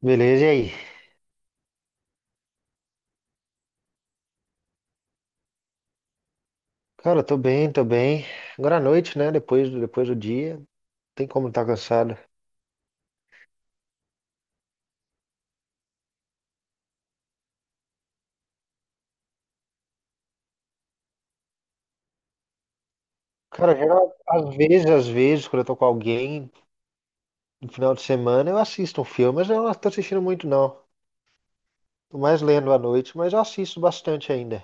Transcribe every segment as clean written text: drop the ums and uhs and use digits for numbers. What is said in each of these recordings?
Beleza, e aí? Cara, tô bem, tô bem. Agora à noite, né? Depois, depois do dia, não tem como estar tá cansado. Cara, geral, às vezes, quando eu tô com alguém no final de semana, eu assisto um filme, mas eu não tô assistindo muito, não. Tô mais lendo à noite, mas eu assisto bastante ainda.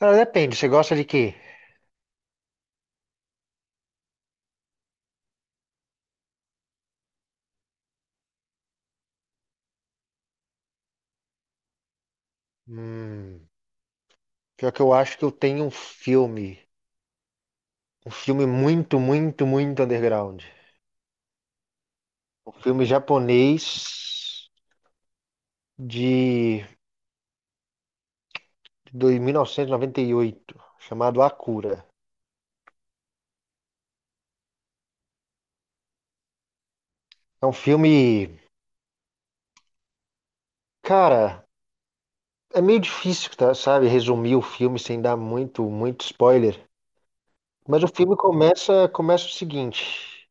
Cara, depende, você gosta de quê? Hum, pior que eu acho que eu tenho um filme muito underground. Um filme japonês de de 1998, chamado Akira. É um filme. Cara, é meio difícil, tá, sabe, resumir o filme sem dar muito spoiler. Mas o filme começa o seguinte: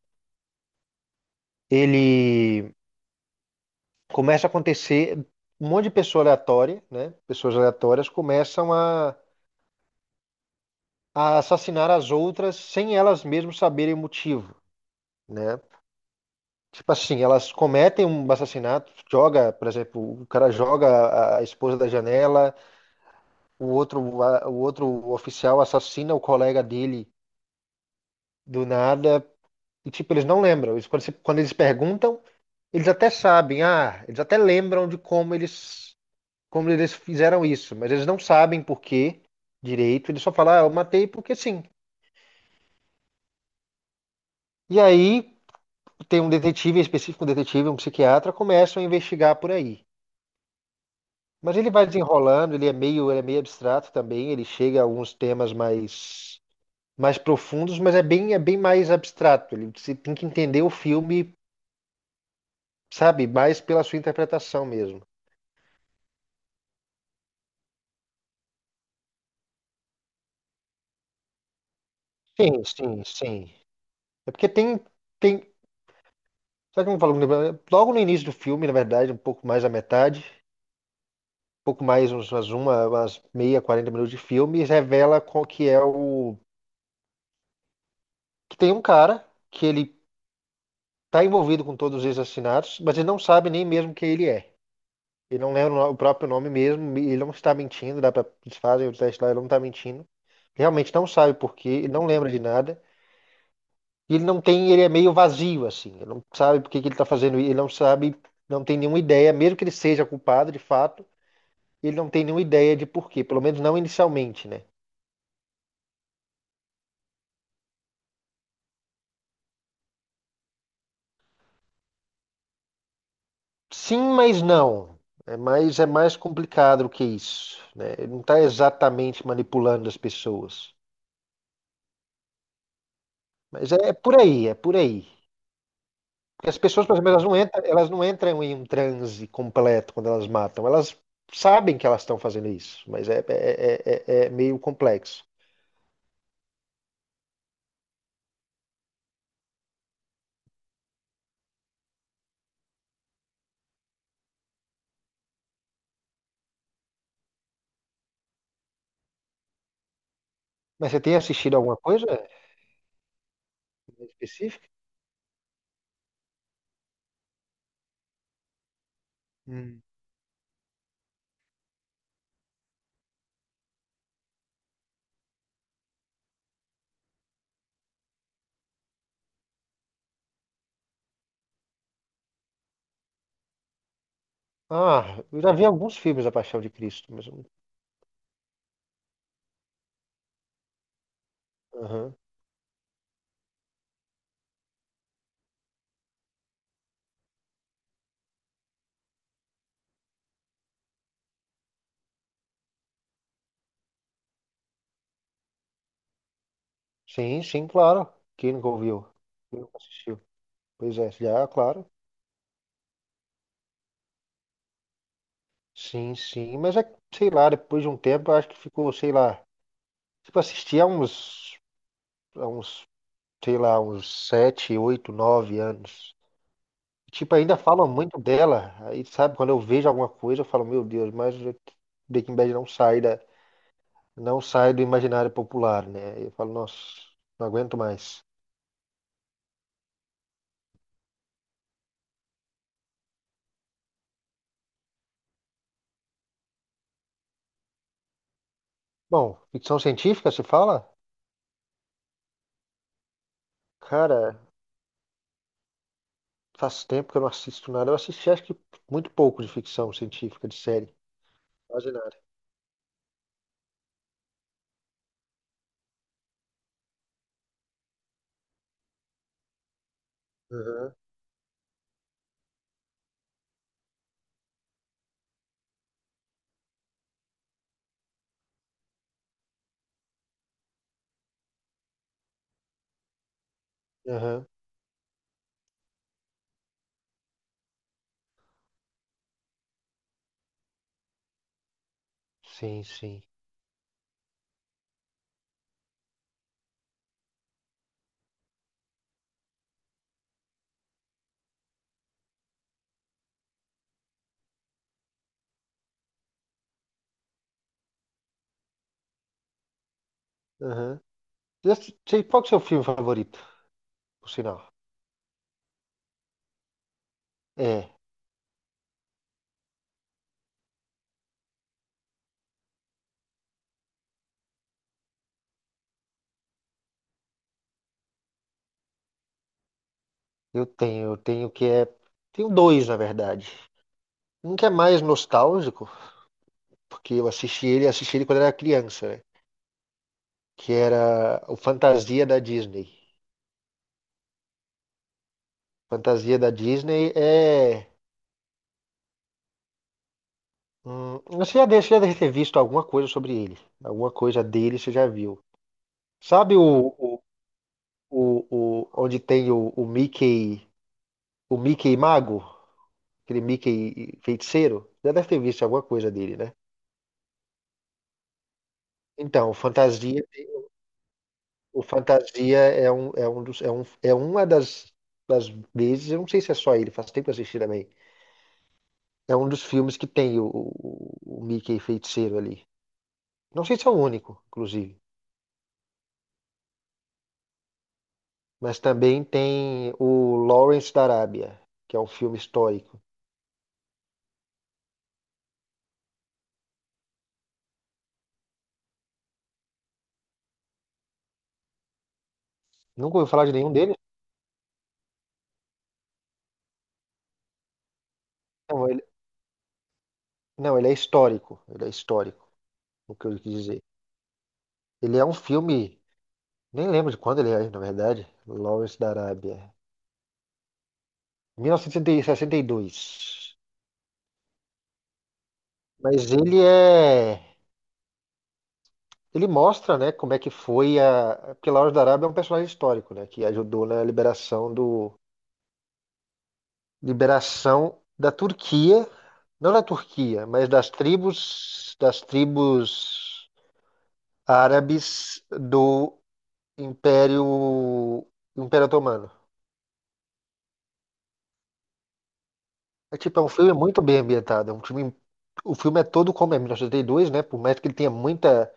ele começa a acontecer. Um monte de pessoa aleatória, né? Pessoas aleatórias começam a assassinar as outras sem elas mesmas saberem o motivo, né? Tipo assim, elas cometem um assassinato, joga, por exemplo, o cara joga a esposa da janela, o outro, o outro oficial assassina o colega dele do nada. E, tipo, eles não lembram. Eles- Quando, quando eles perguntam, eles até sabem, ah, eles até lembram de como eles fizeram isso, mas eles não sabem por quê direito. Eles só falam, ah, eu matei porque sim. E aí tem um detetive em específico, um detetive, um psiquiatra, começam a investigar por aí. Mas ele vai desenrolando, ele é meio abstrato também, ele chega a alguns temas mais, mais profundos, mas é bem mais abstrato. Ele, você tem que entender o filme, sabe, mais pela sua interpretação mesmo. Sim, sim, sim. É porque tem, tem, sabe como eu falo, né, logo no início do filme, na verdade, um pouco mais da metade, um pouco mais, umas uma, umas meia, 40 minutos de filme, revela qual que é o, que tem um cara que ele tá envolvido com todos esses assassinatos, mas ele não sabe nem mesmo quem ele é. Ele não lembra o o próprio nome mesmo, e ele não está mentindo, dá pra, eles fazem o teste lá, ele não tá mentindo. Realmente não sabe por quê, ele não lembra de nada. E ele não tem, ele é meio vazio, assim. Ele não sabe por que que ele está fazendo isso, ele não sabe, não tem nenhuma ideia, mesmo que ele seja culpado de fato, ele não tem nenhuma ideia de porquê, pelo menos não inicialmente, né? Sim, mas não. É mais complicado do que isso, né? Ele não está exatamente manipulando as pessoas. Mas é, é por aí, é por aí. Porque as pessoas, por exemplo, elas não entram em um transe completo quando elas matam. Elas sabem que elas estão fazendo isso, mas é meio complexo. Mas você tem assistido alguma coisa específica? Hum. Ah, eu já vi alguns filmes da Paixão de Cristo, mas... eu Aham. Sim, sim, claro. Quem nunca ouviu? Quem nunca assistiu? Pois é, já, claro. Sim, sim, mas é, que, sei lá, depois de um tempo, eu acho que ficou, sei lá... Tipo, há uns, sei lá, uns sete, oito, nove anos. Tipo, ainda falam muito dela. Aí, sabe, quando eu vejo alguma coisa, eu falo, meu Deus, mas Breaking Bad não sai do imaginário popular, né? Eu falo, nossa, não aguento mais. Bom, ficção científica, se fala? Cara, faz tempo que eu não assisto nada. Eu assisti, acho que muito pouco de ficção científica, de série. Quase nada. Aham, aham. Sim, sim. Aham. Qual que é o seu filme favorito, por sinal? É, eu tenho que é. Tenho dois, na verdade. Um que é mais nostálgico, porque assisti ele quando era criança, né? Que era o Fantasia da Disney. Fantasia da Disney é. Você já deve ter visto alguma coisa sobre ele. Alguma coisa dele você já viu. Sabe onde tem o Mickey Mago? Aquele Mickey feiticeiro? Já deve ter visto alguma coisa dele, né? Então, o Fantasia é é uma das, das vezes, eu não sei se é só ele, faz tempo que eu assisti também. É um dos filmes que tem o Mickey feiticeiro ali. Não sei se é o único, inclusive. Mas também tem o Lawrence da Arábia, que é um filme histórico. Nunca ouviu falar de nenhum deles? Não, ele, não, ele é histórico. Ele é histórico, o que eu quis dizer. Ele é um filme, nem lembro de quando ele é, na verdade. Lawrence da Arábia. 1962. Mas ele é. Ele mostra, né, como é que foi a. Porque Lawrence da Arábia é um personagem histórico, né, que ajudou na liberação do. Liberação da Turquia não da Turquia, mas das tribos árabes do Império, Império Otomano. É tipo, é um filme muito bem ambientado, é um filme, o filme é todo como é 1982, né? Por mais que ele tenha muita,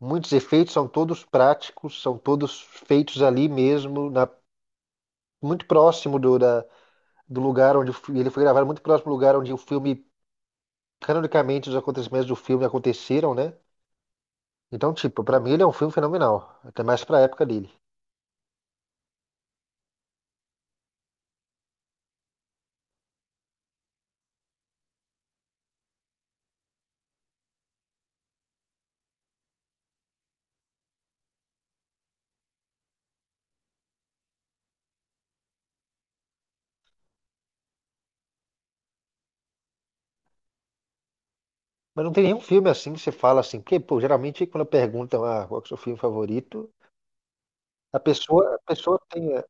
muitos efeitos, são todos práticos, são todos feitos ali mesmo, na, muito próximo do lugar onde ele foi gravado, muito próximo do lugar onde o filme, canonicamente, os acontecimentos do filme aconteceram, né? Então, tipo, pra mim ele é um filme fenomenal, até mais pra época dele. Mas não tem nenhum filme assim que você fala assim, porque, pô, geralmente quando perguntam ah, qual que é o seu filme favorito, a pessoa tem. É,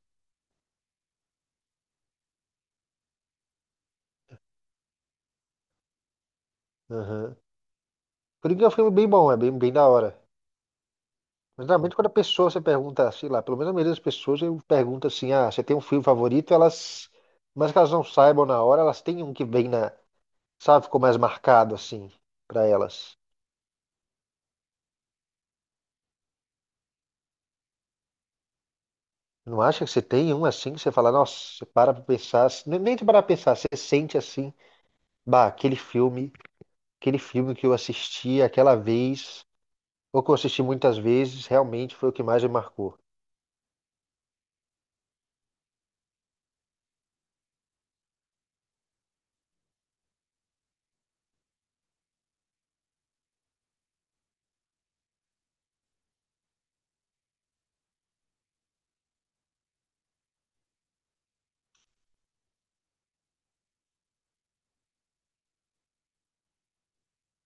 aham. Coringa é um filme bem bom, é bem, bem da hora. Mas geralmente quando a pessoa você pergunta, sei lá, pelo menos a maioria das pessoas eu pergunto assim, ah, você tem um filme favorito, elas. Mas que elas não saibam na hora, elas têm um que vem na. Sabe, ficou mais marcado assim, pra elas. Não acha que você tem um assim que você fala, nossa, você para pra pensar, assim, nem de parar pra pensar, você sente assim, bah, aquele filme. Aquele filme que eu assisti aquela vez, ou que eu assisti muitas vezes, realmente foi o que mais me marcou.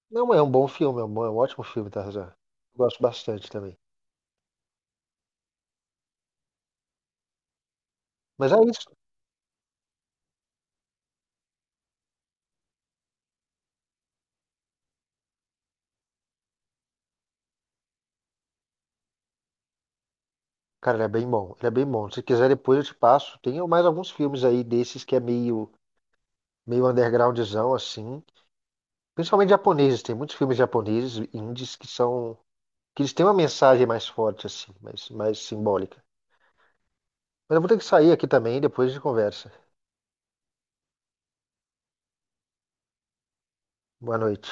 Não é um bom filme, é um ótimo filme, Tarzan. Eu gosto bastante também. Mas é isso. Cara, ele é bem bom. Ele é bem bom. Se quiser, depois eu te passo. Tem mais alguns filmes aí desses que é meio, meio undergroundzão, assim. Principalmente japoneses. Tem muitos filmes japoneses, indies, que são... Que eles têm uma mensagem mais forte, assim, mais, mais simbólica. Mas eu vou ter que sair aqui também, depois a gente conversa. Boa noite.